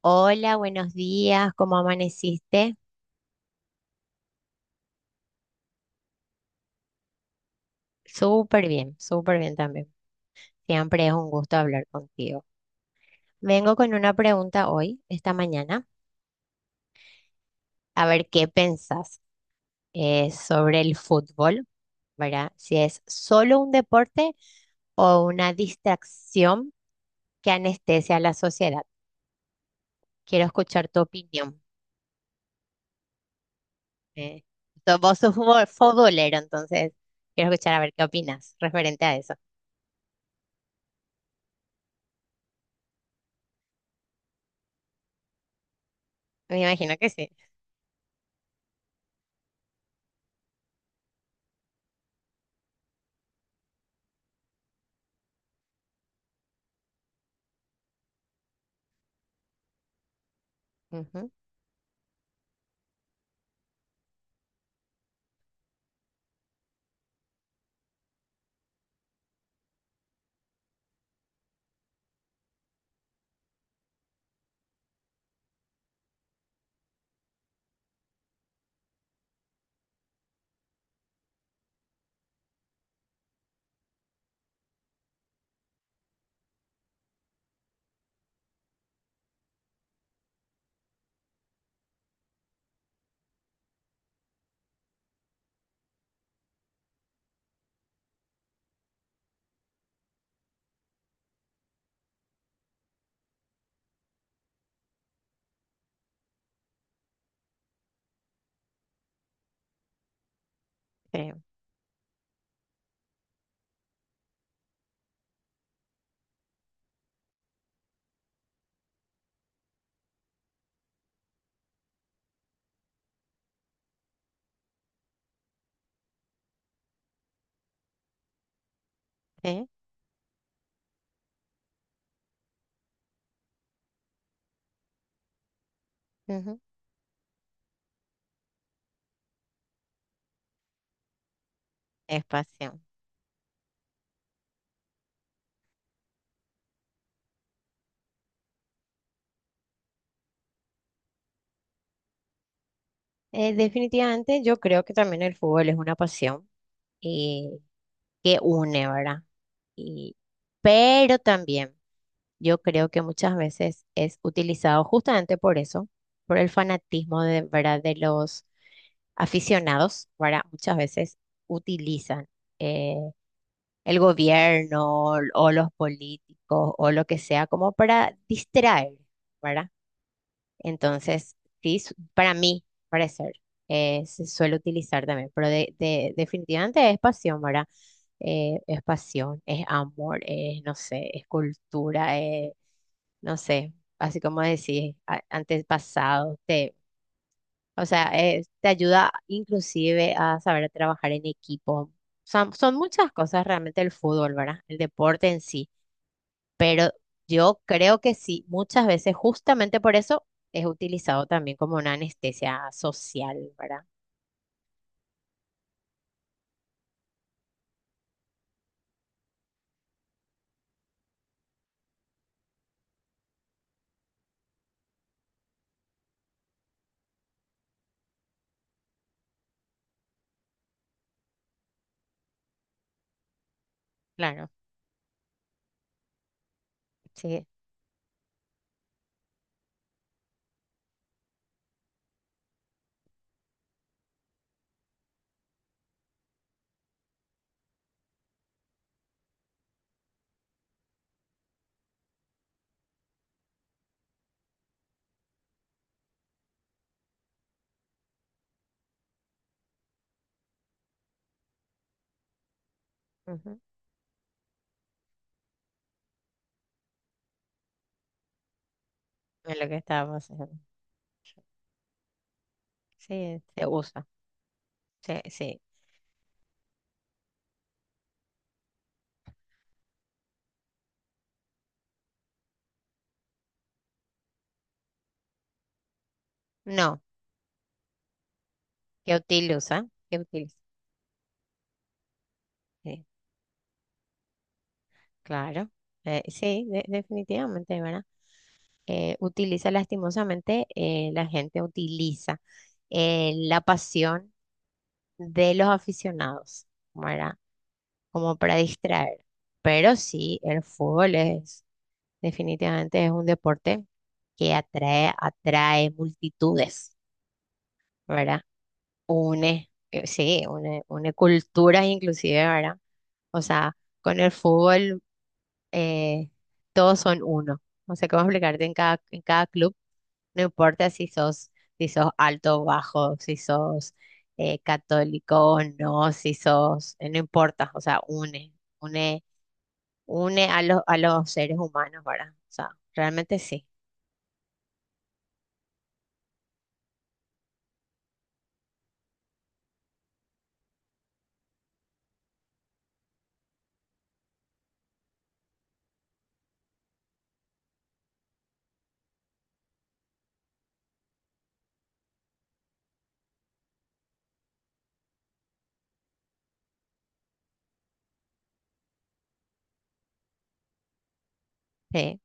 Hola, buenos días, ¿cómo amaneciste? Súper bien también. Siempre es un gusto hablar contigo. Vengo con una pregunta hoy, esta mañana, a ver qué pensás sobre el fútbol, ¿verdad? Si es solo un deporte o una distracción que anestesia a la sociedad. Quiero escuchar tu opinión. eh. Vos sos futbolero, entonces quiero escuchar a ver qué opinas referente a eso. Me imagino que sí. Ujú, creo. Sí, es pasión. Definitivamente yo creo que también el fútbol es una pasión eh, que une, ¿verdad? Y, pero también yo creo que muchas veces es utilizado justamente por eso, por el fanatismo de, ¿verdad? De los aficionados, ¿verdad? Muchas veces utilizan eh, el gobierno o los políticos o lo que sea como para distraer, ¿verdad? Entonces, sí, para mí, parecer, se suele utilizar también, pero definitivamente es pasión, ¿verdad? Es pasión, es amor, es, no sé, es cultura, es, no sé, así como decís, antepasado, te, o sea, te ayuda inclusive a saber trabajar en equipo. Son muchas cosas realmente el fútbol, ¿verdad? El deporte en sí. Yo creo que sí, muchas veces justamente por eso es utilizado también como una anestesia social, ¿verdad? Claro, sí. Ujú, es lo que estaba pasando. Sí, se usa. Sí, sí. No, que utiliza, que utiliza. Sí, claro. Sí, definitivamente, ¿verdad? Utiliza lastimosamente, la gente utiliza la pasión de los aficionados, ¿verdad? Como para distraer. Pero sí, el fútbol es, definitivamente es un deporte que atrae, atrae multitudes. ¿Verdad? Une, sí, une, une culturas inclusive, ¿verdad? O sea, con el fútbol eh, todos son uno. No sé cómo explicarte en cada club, no importa si sos, si sos alto o bajo, si sos católico o no, si sos, no importa, o sea, une, une, une a los seres humanos, ¿verdad? O sea, realmente sí, sí,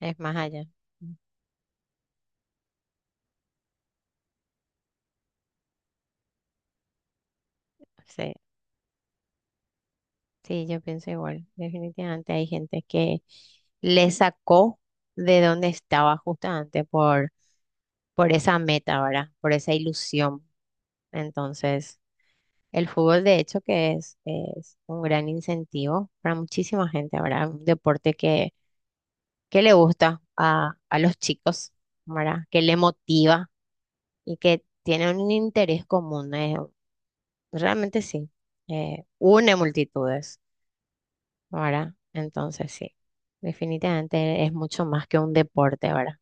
es más allá. Sí. Sí, yo pienso igual. Definitivamente hay gente que le sacó de donde estaba justamente por esa meta, ¿verdad? Por esa ilusión. Entonces, el fútbol de hecho que es un gran incentivo para muchísima gente, ¿verdad? Un deporte que le gusta a los chicos, ¿verdad? Que le motiva y que tiene un interés común. Realmente sí, une multitudes. ¿Verdad? Entonces sí, definitivamente es mucho más que un deporte, ¿verdad?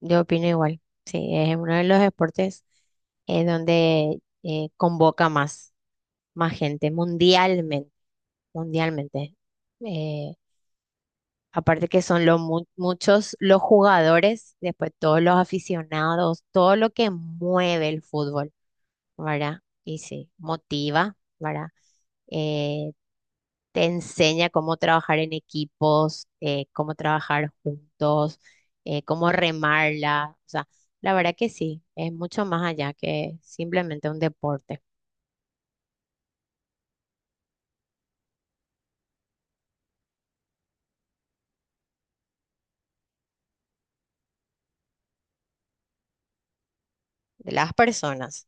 Yo opino igual, sí, es uno de los deportes donde convoca más, más gente mundialmente, mundialmente. Eh, aparte que son los muchos los jugadores, después todos los aficionados, todo lo que mueve el fútbol, ¿verdad? Y sí, motiva, ¿verdad? Eh, te enseña cómo trabajar en equipos, cómo trabajar juntos, cómo remarla. O sea, la verdad que sí, es mucho más allá que simplemente un deporte de las personas.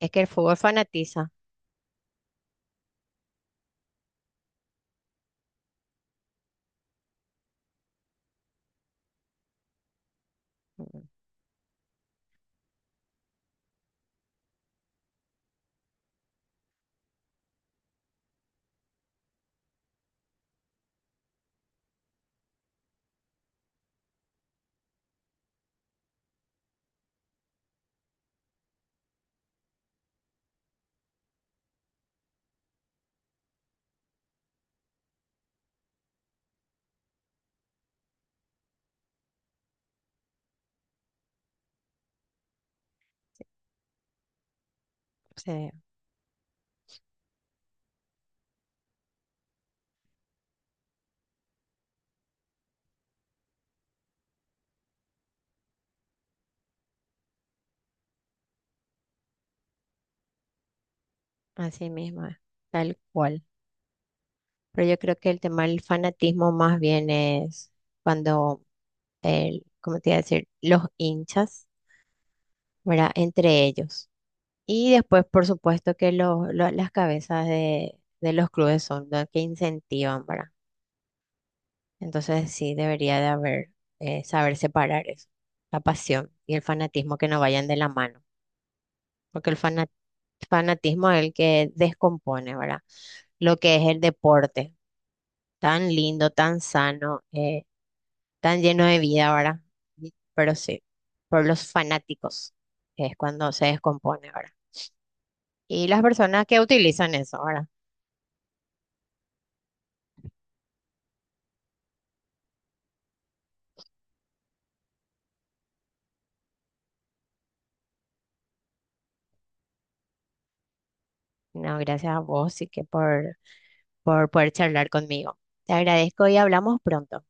Es que el fútbol fanatiza. Mm, sí, así mismo, es, tal cual. Pero yo creo que el tema del fanatismo más bien es cuando, el, ¿cómo te iba a decir? Los hinchas, ¿verdad? Entre ellos. Y después, por supuesto, que las cabezas de los clubes son las que incentivan, ¿verdad? Entonces, sí, debería de haber, saber separar eso, la pasión y el fanatismo que no vayan de la mano, porque el fanatismo es el que descompone, ¿verdad? Lo que es el deporte, tan lindo, tan sano, tan lleno de vida, ¿verdad? Pero sí, por los fanáticos es cuando se descompone, ¿verdad? Y las personas que utilizan eso, ¿verdad? No, gracias a vos y que por poder charlar conmigo. Te agradezco y hablamos pronto.